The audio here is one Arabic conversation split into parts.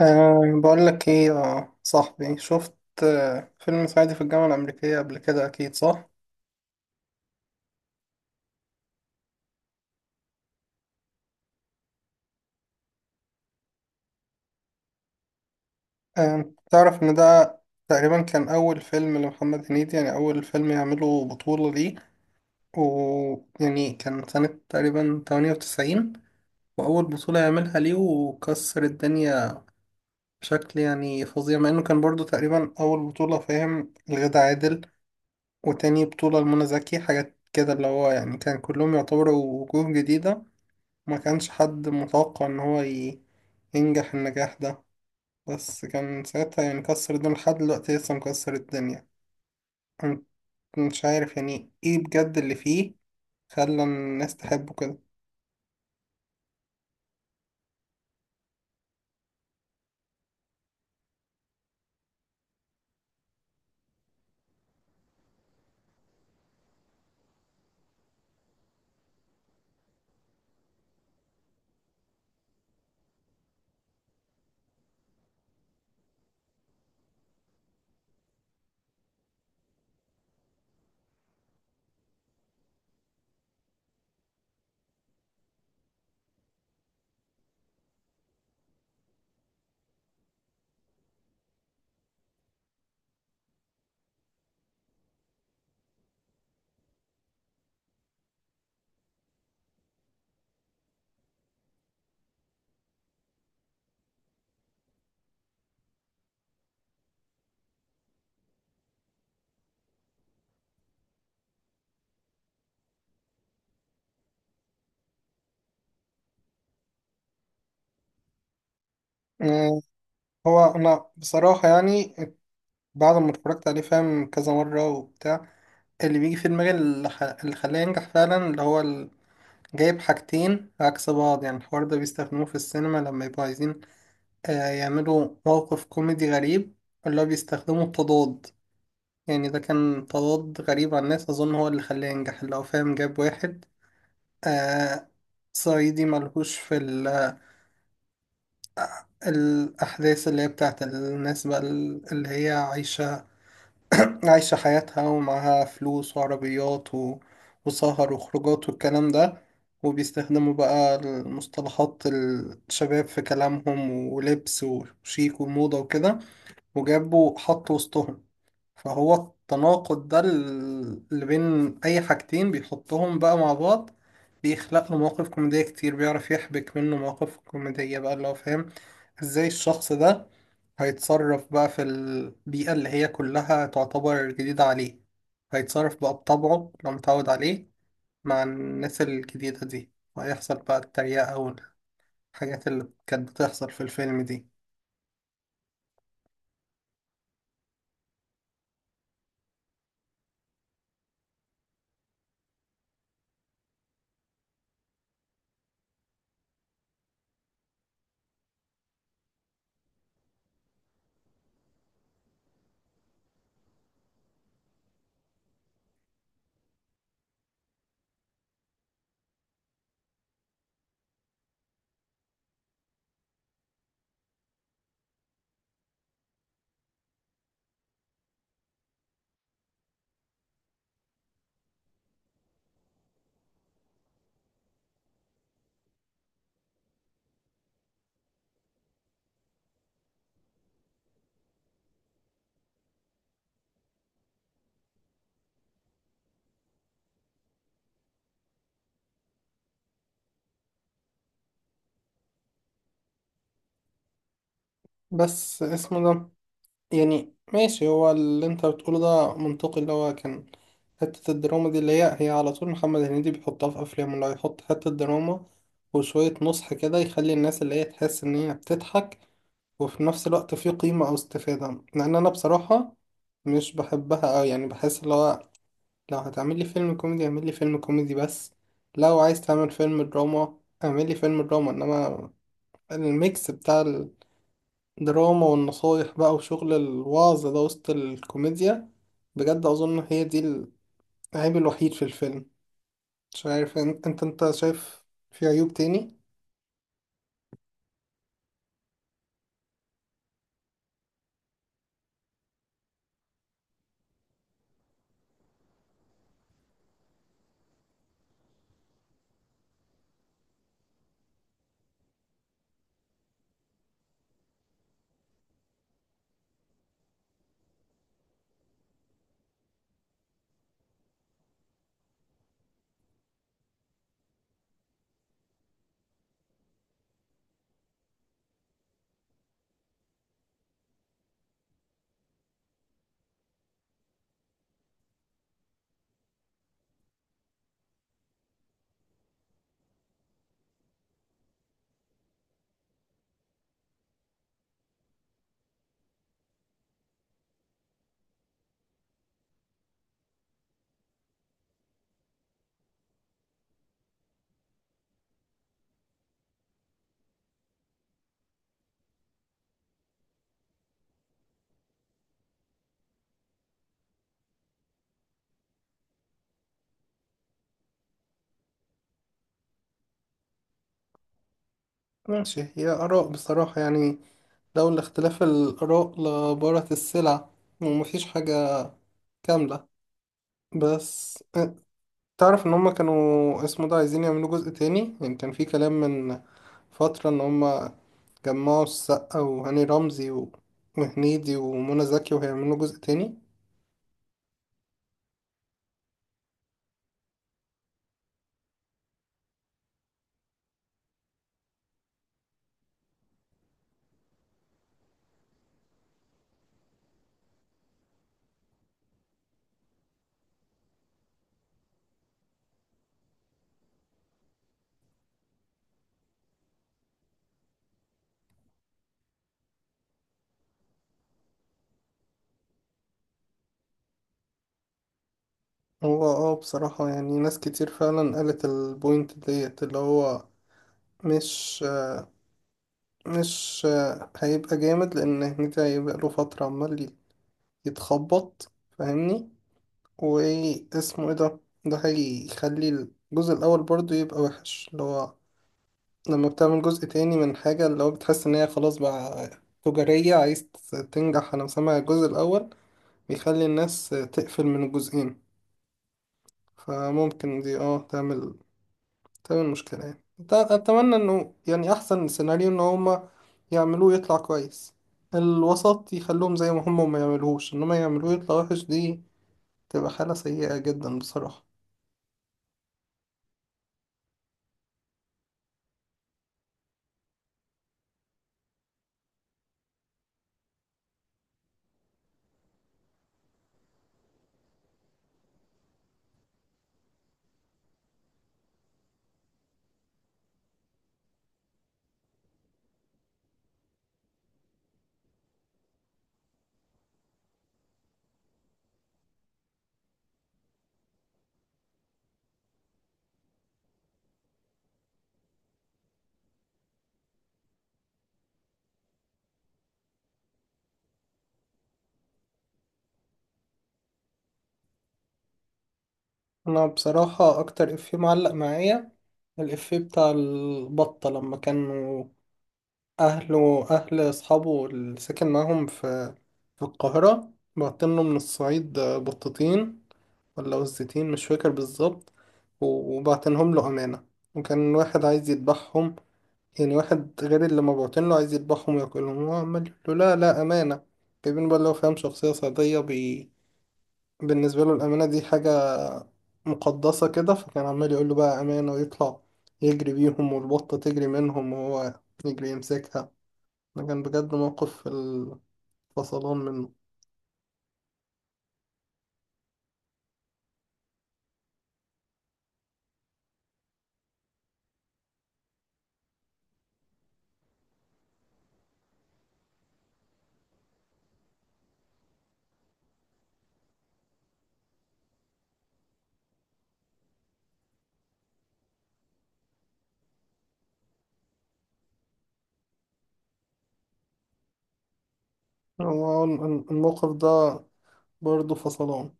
بقول لك ايه يا صاحبي، شفت فيلم صعيدي في الجامعة الأمريكية قبل كده أكيد صح؟ تعرف إن ده تقريبا كان أول فيلم لمحمد هنيدي، يعني أول فيلم يعمله بطولة ليه. ويعني كان سنة تقريبا 98، وأول بطولة يعملها ليه وكسر الدنيا بشكل يعني فظيع، مع إنه كان برضو تقريبا أول بطولة فاهم لغادة عادل، وتاني بطولة لمنى زكي. حاجات كده اللي هو يعني كان كلهم يعتبروا وجوه جديدة. ما كانش حد متوقع ان هو ينجح النجاح ده، بس كان ساعتها يعني كسر الدنيا. لحد دلوقتي لسه مكسر الدنيا. أنا مش عارف يعني ايه بجد اللي فيه خلى الناس تحبه كده. أه، هو انا بصراحة يعني بعد ما اتفرجت عليه فاهم كذا مرة وبتاع، اللي بيجي في دماغي اللي خلاه ينجح فعلا، اللي هو جايب حاجتين عكس بعض. يعني الحوار ده بيستخدموه في السينما لما يبقوا عايزين يعملوا موقف كوميدي غريب، اللي هو بيستخدموا التضاد. يعني ده كان تضاد غريب على الناس، أظن هو اللي خلاه ينجح. لو فاهم، جاب واحد آه صعيدي ملهوش في الأحداث اللي هي بتاعت الناس بقى، اللي هي عايشة حياتها ومعاها فلوس وعربيات وسهر وخروجات والكلام ده، وبيستخدموا بقى المصطلحات الشباب في كلامهم ولبس وشيك وموضة وكده، وجابوا حط وسطهم. فهو التناقض ده اللي بين أي حاجتين بيحطهم بقى مع بعض، بيخلق له مواقف كوميدية كتير، بيعرف يحبك منه مواقف كوميدية بقى. اللي هو فاهم ازاي الشخص ده هيتصرف بقى في البيئة اللي هي كلها تعتبر جديدة عليه، هيتصرف بقى بطبعه لو متعود عليه مع الناس الجديدة دي، وهيحصل بقى التريقة والحاجات اللي كانت بتحصل في الفيلم دي. بس اسمه ده، يعني ماشي هو اللي انت بتقوله ده منطقي. اللي هو كان حتة الدراما دي اللي هي هي على طول محمد هنيدي بيحطها في أفلامه، اللي هو يحط حتة دراما وشوية نصح كده، يخلي الناس اللي هي تحس إن هي بتضحك وفي نفس الوقت في قيمة أو استفادة. لأن أنا بصراحة مش بحبها أوي، يعني بحس اللي هو لو هتعمل لي فيلم كوميدي اعمل لي فيلم كوميدي بس، لو عايز تعمل فيلم دراما اعمل لي فيلم دراما. إنما الميكس بتاع دراما والنصايح بقى وشغل الوعظ ده وسط الكوميديا، بجد أظن هي دي العيب الوحيد في الفيلم. مش عارف، أنت شايف في عيوب تاني؟ ماشي، هي آراء بصراحة يعني، لولا اختلاف الآراء لبارت السلع، ومفيش حاجة كاملة. بس تعرف إن هما كانوا اسمه ده عايزين يعملوا جزء تاني؟ يعني كان في كلام من فترة إن هما جمعوا السقا وهاني رمزي و- وهنيدي ومنى زكي وهيعملوا جزء تاني. هو اه بصراحة يعني ناس كتير فعلا قالت البوينت ديت، اللي هو مش مش هيبقى جامد، لأن هنيدي هيبقى له فترة عمال يتخبط، فاهمني. واسمه ايه ده، ده هيخلي الجزء الأول برضه يبقى وحش. اللي هو لما بتعمل جزء تاني من حاجة، اللي هو بتحس إن هي خلاص بقى تجارية، عايز تنجح. أنا مسمع الجزء الأول بيخلي الناس تقفل من الجزئين، فممكن دي اه تعمل تمام المشكلة يعني. أتمنى إنه يعني أحسن سيناريو إن هما يعملوه يطلع كويس الوسط، يخلوهم زي ما هما وما يعملوهوش، إنما يعملوه يطلع وحش دي تبقى حالة سيئة جدا بصراحة. أنا بصراحة أكتر إفيه معلق معايا الإفيه بتاع البطة، لما كانوا أهله أهل أصحابه اللي ساكن معاهم في في القاهرة بعتله من الصعيد بطتين ولا وزتين مش فاكر بالظبط، و- وبعتنهم له أمانة، وكان واحد عايز يذبحهم. يعني واحد غير اللي ما بعتن له عايز يذبحهم وياكلهم، هو عمال يقول له لا لا أمانة. جايبين بقى، لو فاهم شخصية صعيدية بالنسبة له الأمانة دي حاجة مقدسة كده، فكان عمال يقول له بقى أمانة، ويطلع يجري بيهم والبطة تجري منهم وهو يجري يمسكها. ده كان بجد موقف في الفصلان منه. هو الموقف ده برضه فصلان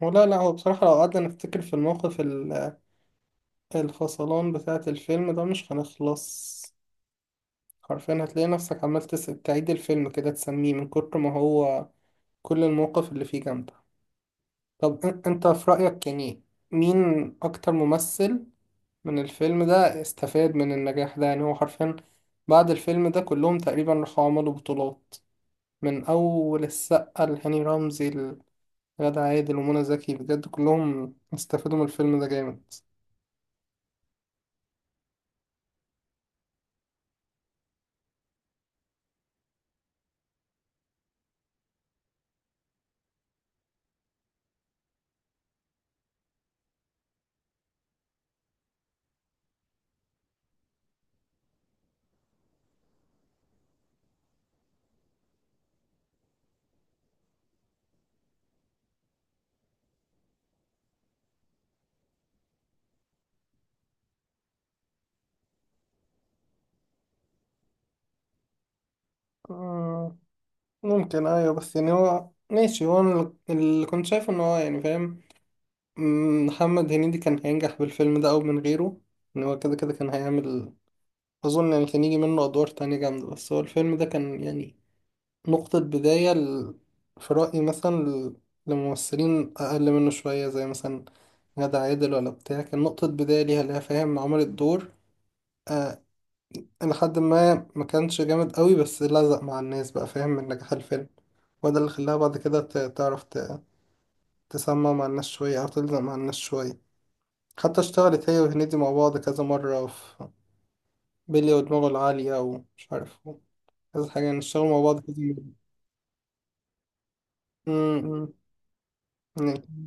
ولا لا؟ هو بصراحة لو قعدنا نفتكر في الموقف الفصلان بتاعة الفيلم ده مش هنخلص، حرفيا هتلاقي نفسك عمال تعيد الفيلم كده تسميه من كتر ما هو كل المواقف اللي فيه جامدة. طب انت في رأيك يعني مين أكتر ممثل من الفيلم ده استفاد من النجاح ده؟ يعني هو حرفيا بعد الفيلم ده كلهم تقريبا راحوا عملوا بطولات، من أول السقا لهاني رمزي لغادة عادل ومنى زكي، بجد كلهم استفادوا من الفيلم ده جامد. آه، ممكن، أيوة، بس يعني هو ماشي. هو أنا اللي كنت شايفه إن هو يعني فاهم، محمد هنيدي كان هينجح بالفيلم ده أو من غيره. إن هو كده كده كان هيعمل، أظن يعني كان يجي منه أدوار تانية جامدة. بس هو الفيلم ده كان يعني نقطة بداية في رأيي مثلا لممثلين أقل منه شوية، زي مثلا غادة عادل ولا بتاع، كان نقطة بداية ليها. فاهم، عملت دور آه لحد ما كانش جامد قوي، بس لزق مع الناس بقى فاهم من نجاح الفيلم، وده اللي خلاها بعد كده تعرف تسمع مع الناس شوية أو تلزق مع الناس شوية. حتى اشتغلت هي وهنيدي مع بعض كذا مرة في بيلي ودماغه العالية ومش عارف كذا حاجة، يعني اشتغلوا مع بعض كذا مرة. م- م.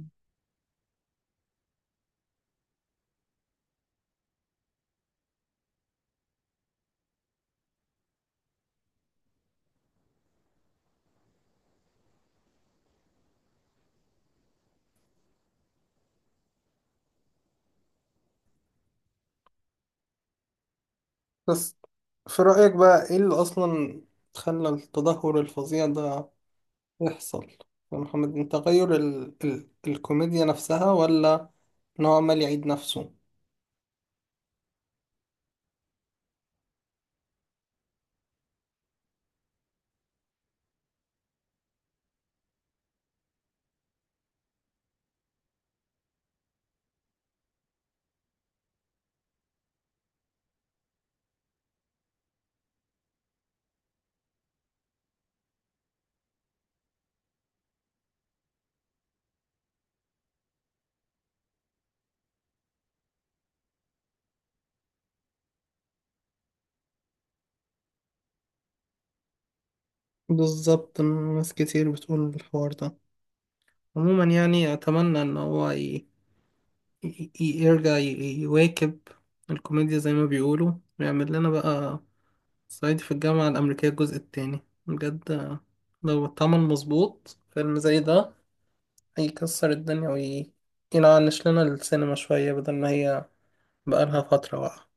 بس في رأيك بقى ايه اللي اصلا خلى التدهور الفظيع ده يحصل يا محمد؟ من تغير الكوميديا نفسها، ولا ان هو عمال يعيد نفسه؟ بالظبط، ناس كتير بتقول الحوار ده. عموما يعني اتمنى ان هو يرجع يواكب الكوميديا زي ما بيقولوا، ويعمل لنا بقى صعيدي في الجامعة الأمريكية الجزء التاني. بجد لو اتعمل مظبوط فيلم زي ده يكسر الدنيا، وينعنش لنا السينما شوية، بدل ما هي بقالها فترة واقعة.